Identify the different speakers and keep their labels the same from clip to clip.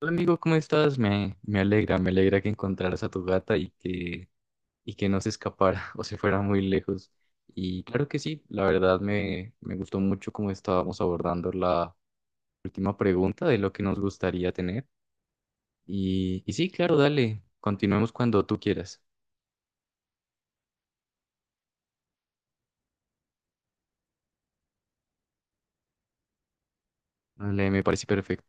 Speaker 1: Hola amigo, ¿cómo estás? Me alegra que encontraras a tu gata y que no se escapara o se fuera muy lejos. Y claro que sí, la verdad me gustó mucho cómo estábamos abordando la última pregunta de lo que nos gustaría tener. Y sí, claro, dale, continuemos cuando tú quieras. Dale, me parece perfecto.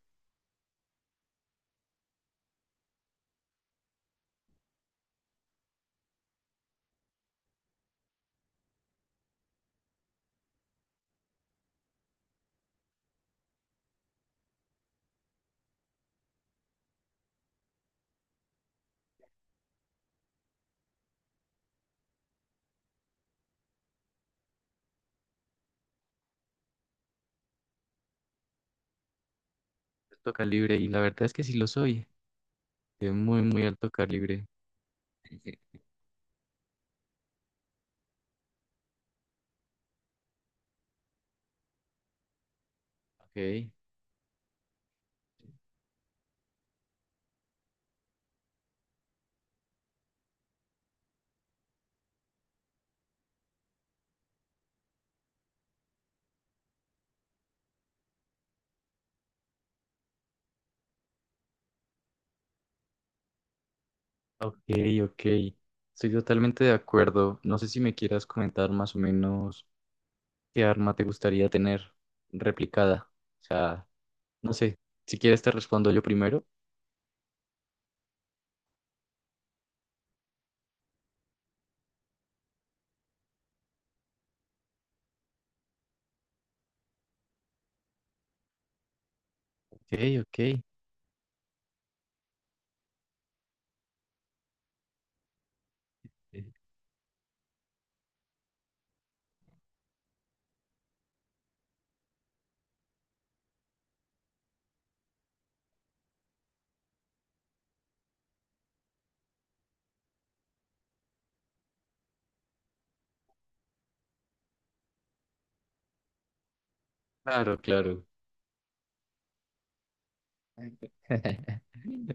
Speaker 1: Alto calibre, y la verdad es que sí lo soy, de muy alto calibre. Ok, ok, ok. Estoy totalmente de acuerdo. No sé si me quieras comentar más o menos. ¿Qué arma te gustaría tener replicada? O sea, no sé, si quieres te respondo yo primero. Ok, ok. Claro, claro.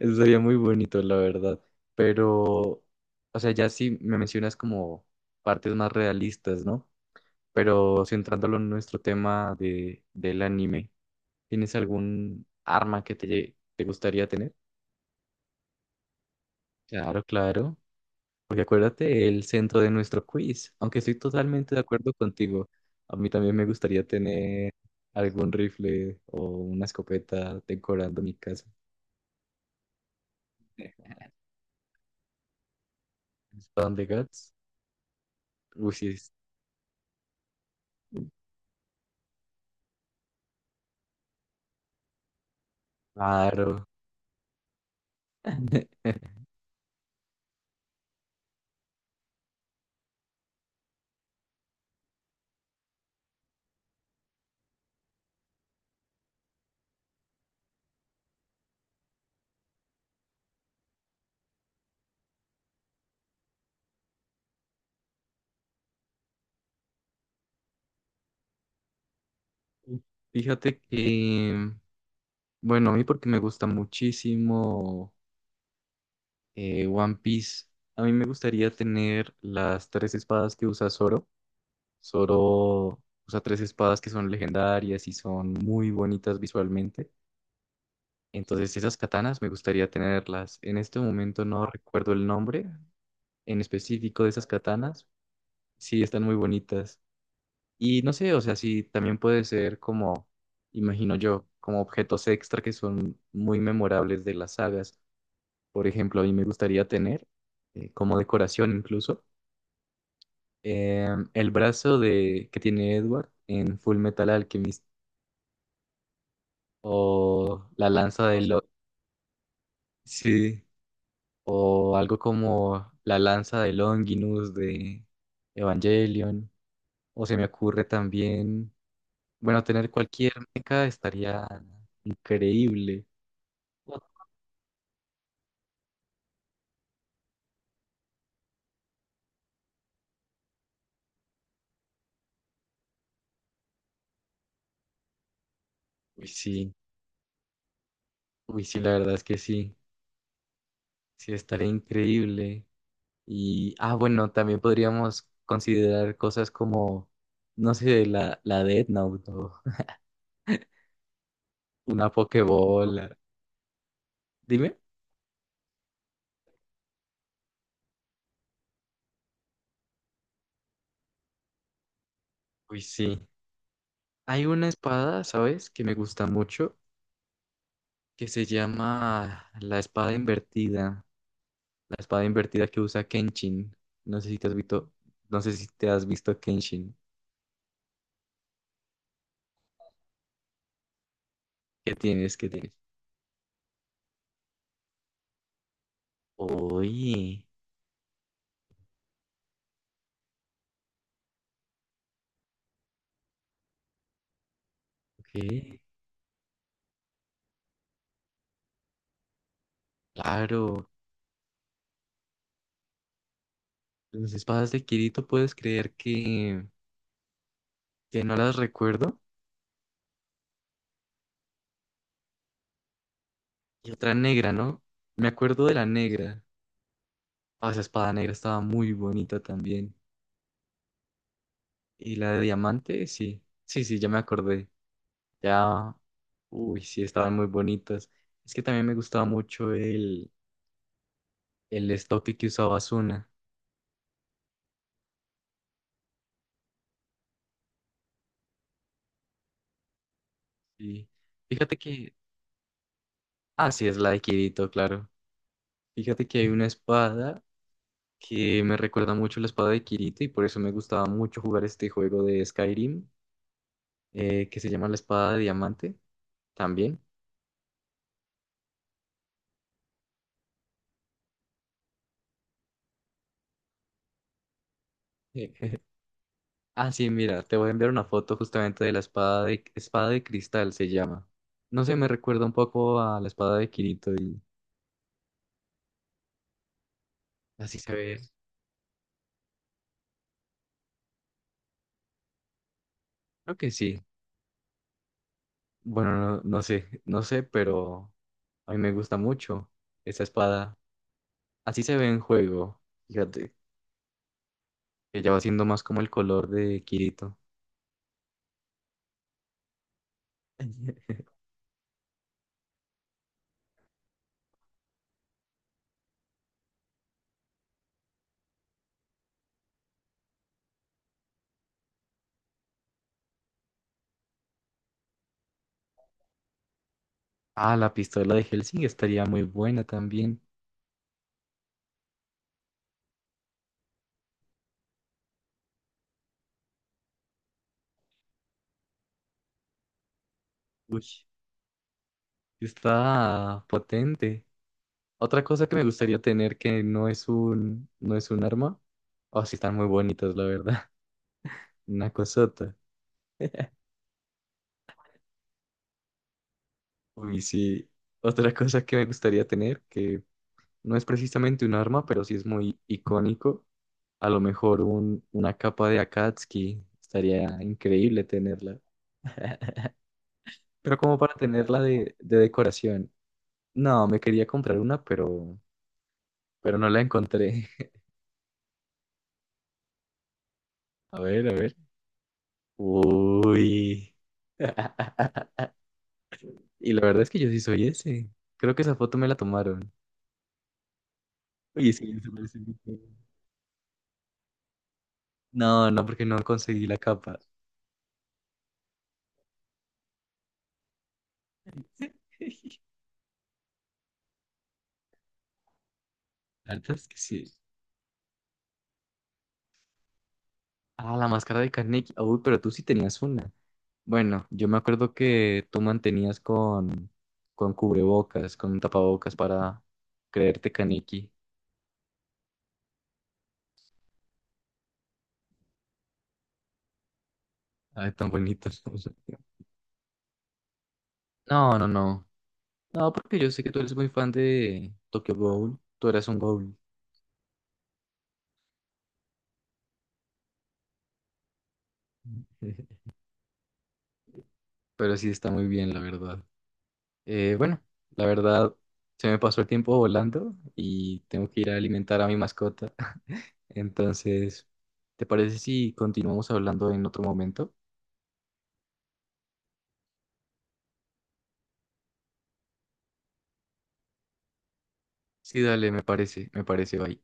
Speaker 1: Eso sería muy bonito, la verdad. Pero, o sea, ya sí me mencionas como partes más realistas, ¿no? Pero centrándolo en nuestro tema del anime, ¿tienes algún arma que te gustaría tener? Claro, claro. Porque acuérdate el centro de nuestro quiz, aunque estoy totalmente de acuerdo contigo, a mí también me gustaría tener algún rifle o una escopeta decorando mi casa. ¿Spawn de Guts? Uy, sí, es raro. Fíjate que, bueno, a mí porque me gusta muchísimo One Piece, a mí me gustaría tener las tres espadas que usa Zoro. Zoro usa tres espadas que son legendarias y son muy bonitas visualmente. Entonces, esas katanas me gustaría tenerlas. En este momento no recuerdo el nombre en específico de esas katanas. Sí, están muy bonitas. Y no sé, o sea, sí, también puede ser como, imagino yo, como objetos extra que son muy memorables de las sagas. Por ejemplo, a mí me gustaría tener, como decoración incluso, eh, el brazo de, que tiene Edward en Full Metal Alchemist o la lanza de Lo... Sí, o algo como la lanza de Longinus de Evangelion, o se me ocurre también, bueno, tener cualquier mecha estaría increíble. Uy, sí, uy, sí, la verdad es que sí, sí, estaría increíble. Y, ah, bueno, también podríamos considerar cosas como, no sé, la Death Note o una Pokébola. Dime. Uy, sí. Hay una espada, ¿sabes? Que me gusta mucho que se llama la espada invertida que usa Kenshin. No sé si te has visto, no sé si te has visto Kenshin. ¿Qué tienes? ¿Qué tienes? Oye, ok, claro. Las espadas de Kirito puedes creer que no las recuerdo. Y otra negra, ¿no? Me acuerdo de la negra. Ah, esa espada negra estaba muy bonita también. Y la de diamante, sí. Sí, sí, ya me acordé. Ya uy, sí, estaban muy bonitas. Es que también me gustaba mucho el estoque que usaba Asuna. Sí. Fíjate que. Ah, sí, es la de Kirito, claro. Fíjate que hay una espada que me recuerda mucho la espada de Kirito y por eso me gustaba mucho jugar este juego de Skyrim, que se llama la espada de diamante también. Ah, sí, mira, te voy a enviar una foto justamente de la espada de cristal, se llama. No sé, me recuerda un poco a la espada de Kirito y así se ve. Creo que sí. Bueno, no, no sé, no sé, pero a mí me gusta mucho esa espada. Así se ve en juego, fíjate, que ya va siendo más como el color de Kirito. Ah, la pistola de Helsing estaría muy buena también. Uy, está potente. Otra cosa que me gustaría tener que no es no es un arma. Oh, sí, están muy bonitas, la verdad. Una cosota. Uy, sí. Otra cosa que me gustaría tener, que no es precisamente un arma, pero sí es muy icónico. A lo mejor una capa de Akatsuki estaría increíble tenerla. Pero como para tenerla de decoración. No, me quería comprar una, pero no la encontré. A ver, a ver. Uy. Y la verdad es que yo sí soy ese. Creo que esa foto me la tomaron. Oye, sí, se parece mucho. No, no, porque no conseguí la capa. La verdad es que sí. Ah, la máscara de Carnegie. Uy, pero tú sí tenías una. Bueno, yo me acuerdo que tú mantenías con cubrebocas, con un tapabocas para creerte Kaneki. Ay, tan bonito. No, no, no. No, porque yo sé que tú eres muy fan de Tokyo Ghoul. Tú eras un Ghoul. Pero sí está muy bien, la verdad. Bueno, la verdad, se me pasó el tiempo volando y tengo que ir a alimentar a mi mascota. Entonces, ¿te parece si continuamos hablando en otro momento? Sí, dale, me parece, bye.